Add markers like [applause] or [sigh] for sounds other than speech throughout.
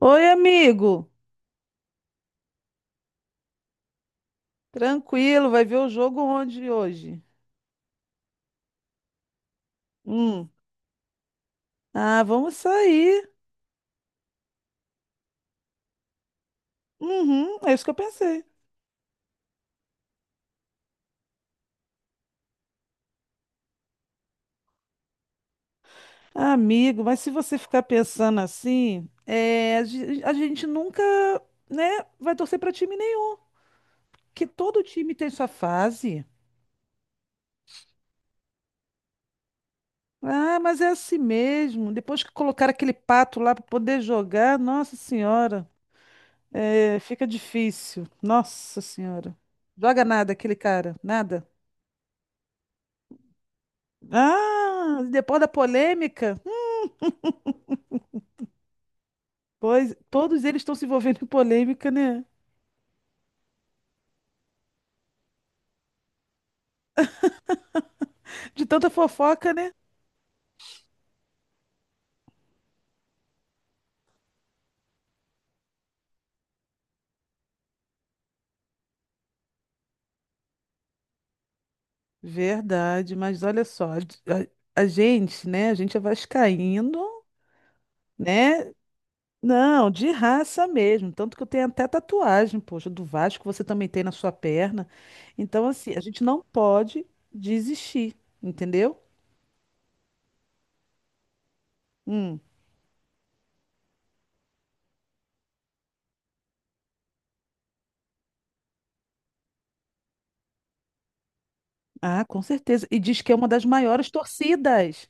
Oi, amigo. Tranquilo, vai ver o jogo onde hoje? Hum. Ah, vamos sair. Uhum, é isso que eu pensei. Amigo, mas se você ficar pensando assim, é, a gente nunca, né, vai torcer para time nenhum, porque todo time tem sua fase. Ah, mas é assim mesmo. Depois que colocar aquele pato lá para poder jogar, nossa senhora, é, fica difícil. Nossa senhora. Joga nada aquele cara, nada. Ah, depois da polêmica? Pois, todos eles estão se envolvendo em polêmica, né? De tanta fofoca, né? Verdade, mas olha só, a gente, né? A gente é vascaíno, né? Não, de raça mesmo. Tanto que eu tenho até tatuagem, poxa, do Vasco, você também tem na sua perna. Então, assim, a gente não pode desistir, entendeu? Hum. Ah, com certeza. E diz que é uma das maiores torcidas.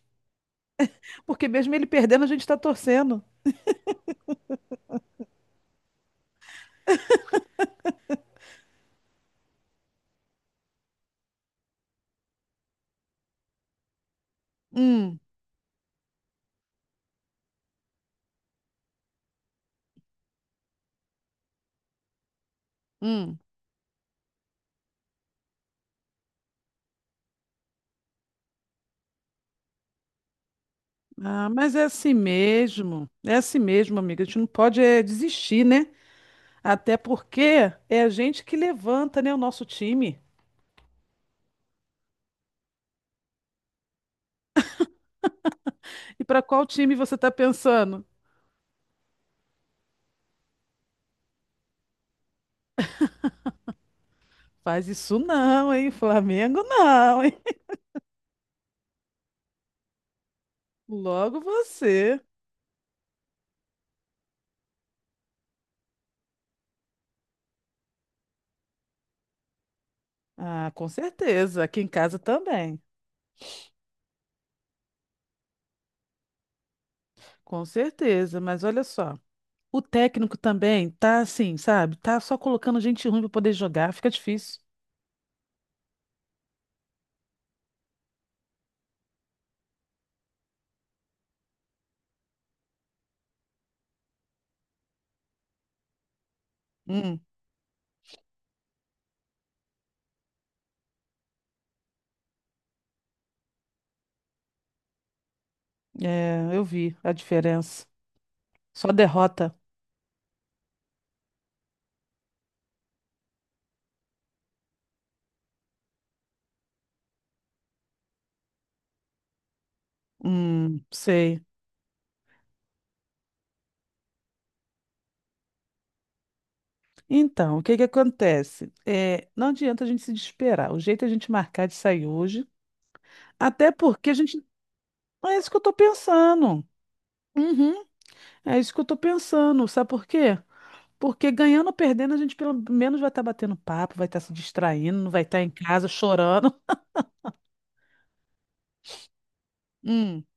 Porque mesmo ele perdendo, a gente está torcendo. Hum, hum. Ah, mas é assim mesmo, amiga. A gente não pode desistir, né? Até porque é a gente que levanta, né, o nosso time. E para qual time você tá pensando? Faz isso não, hein? Flamengo não, hein? Logo você. Ah, com certeza. Aqui em casa também. Com certeza. Mas olha só, o técnico também tá assim, sabe? Tá só colocando gente ruim para poder jogar. Fica difícil. Hum, é, eu vi a diferença. Só derrota. Sei. Então, o que que acontece? É, não adianta a gente se desesperar. O jeito é a gente marcar de sair hoje, até porque a gente. É isso que eu tô pensando. Uhum, é isso que eu tô pensando. Sabe por quê? Porque ganhando ou perdendo, a gente pelo menos vai estar batendo papo, vai estar se distraindo, não vai estar em casa chorando. [laughs]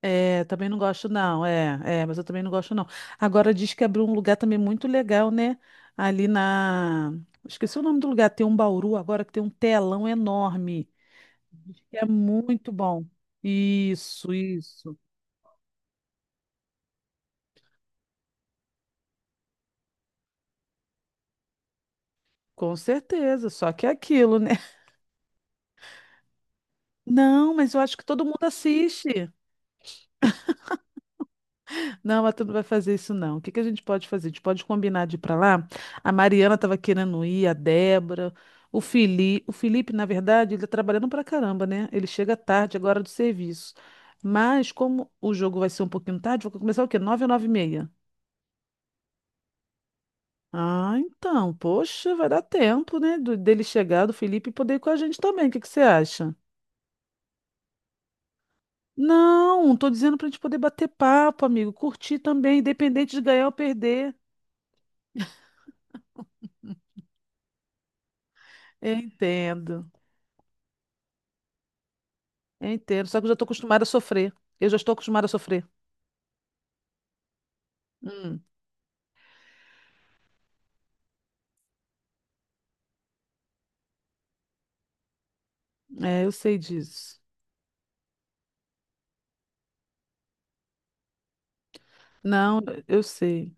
É, também não gosto, não. É, é, mas eu também não gosto, não. Agora diz que abriu um lugar também muito legal, né? Ali na. Esqueci o nome do lugar, tem um Bauru agora que tem um telão enorme. Diz que é muito bom. Isso, isso. Com certeza, só que é aquilo, né? [laughs] Não, mas eu acho que todo mundo assiste. Não, mas tu não vai fazer isso, não. O que que a gente pode fazer? A gente pode combinar de ir pra lá. A Mariana estava querendo ir, a Débora, o Felipe. O Felipe, na verdade, ele tá trabalhando pra caramba, né? Ele chega tarde agora do serviço. Mas como o jogo vai ser um pouquinho tarde, vai começar o quê? Nove ou nove e meia? Ah, então, poxa, vai dar tempo, né? Dele chegar, do Felipe, e poder ir com a gente também. O que que você acha? Não, tô dizendo pra gente poder bater papo, amigo, curtir também, independente de ganhar ou perder. Eu entendo. É inteiro. Só que eu já estou acostumada a sofrer. Eu já estou acostumada a sofrer. Hum, é, eu sei disso. Não, eu sei.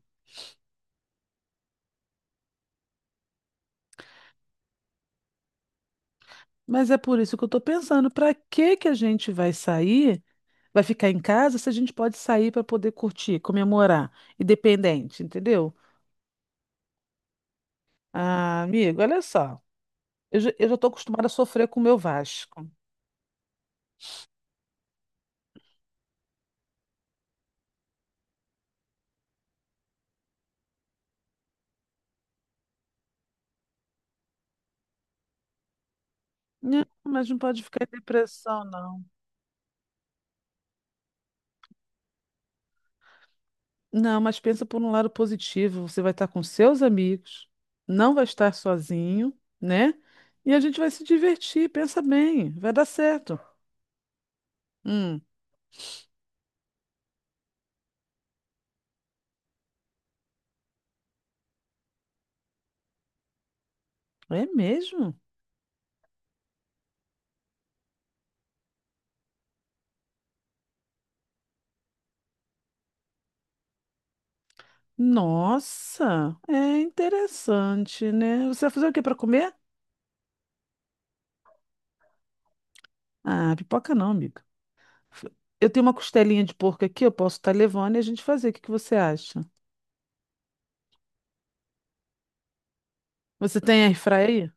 Mas é por isso que eu estou pensando, para que que a gente vai sair, vai ficar em casa, se a gente pode sair para poder curtir, comemorar, independente, entendeu? Ah, amigo, olha só. Eu já estou acostumada a sofrer com o meu Vasco. Não, mas não pode ficar em depressão, não. Não, mas pensa por um lado positivo. Você vai estar com seus amigos, não vai estar sozinho, né? E a gente vai se divertir. Pensa bem, vai dar certo. Hum, é mesmo? Nossa, é interessante, né? Você vai fazer o quê para comer? Ah, pipoca não, amiga. F- Eu tenho uma costelinha de porco aqui, eu posso estar levando e a gente fazer. O que que você acha? Você tem airfryer aí?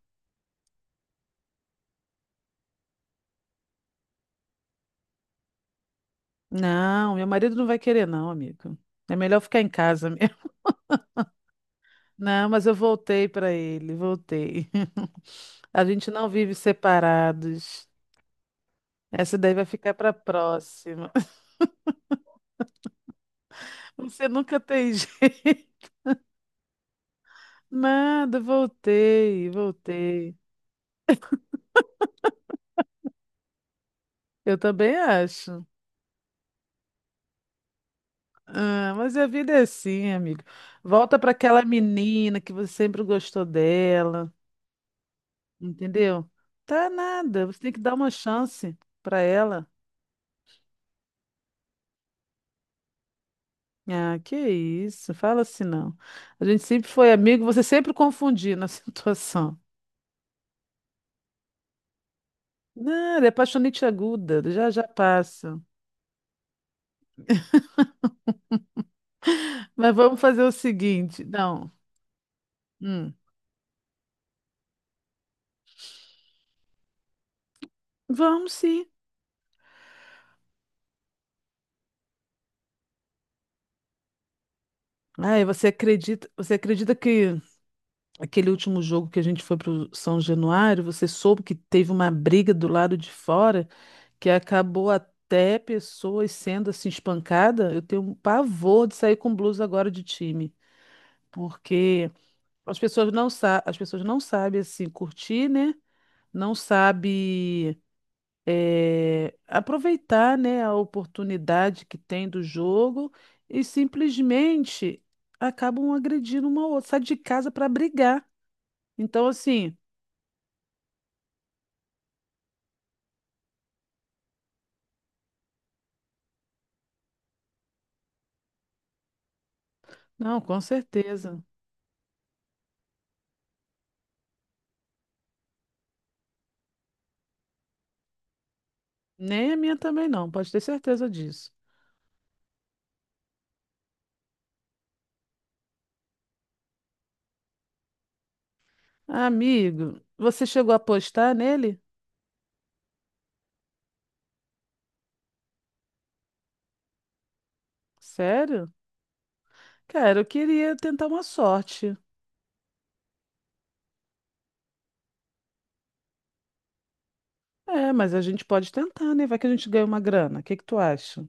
Não, meu marido não vai querer, não, amiga. É melhor ficar em casa. Não, mas eu voltei para ele, voltei. [laughs] A gente não vive separados. Essa daí vai ficar para próxima. [laughs] Você nunca tem [laughs] jeito. Nada, voltei, voltei. Eu também acho. Ah, mas a vida é assim, amigo. Volta para aquela menina que você sempre gostou dela, entendeu? Tá nada, você tem que dar uma chance para ela. Ah, que isso, fala assim não. A gente sempre foi amigo, você sempre confundiu na [laughs] situação. Nada, é apaixonite aguda, já já passa. Mas vamos fazer o seguinte, não. Hum, vamos sim. Ai, você acredita que aquele último jogo que a gente foi pro São Januário, você soube que teve uma briga do lado de fora que acabou até pessoas sendo assim espancada? Eu tenho um pavor de sair com blusa agora de time, porque as pessoas não sabem assim curtir, né? Não sabem aproveitar, né, a oportunidade que tem do jogo e simplesmente acabam agredindo uma outra, sai de casa para brigar. Então, assim, não, com certeza. Nem a minha também não, pode ter certeza disso. Amigo, você chegou a apostar nele? Sério? Cara, eu queria tentar uma sorte. É, mas a gente pode tentar, né? Vai que a gente ganha uma grana. O que que tu acha?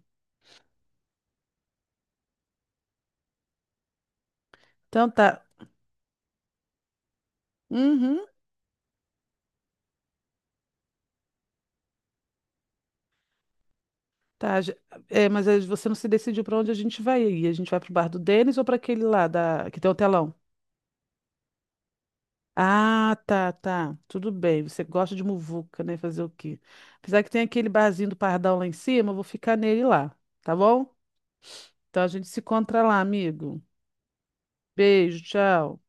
Então tá. Uhum. Tá, já- é, mas aí você não se decidiu para onde a gente vai aí. A gente vai pro bar do Denis ou para aquele lá da, que tem o telão? Ah, tá, tá. Tudo bem. Você gosta de muvuca, né? Fazer o quê? Apesar que tem aquele barzinho do Pardal lá em cima, eu vou ficar nele lá, tá bom? Então a gente se encontra lá, amigo. Beijo, tchau.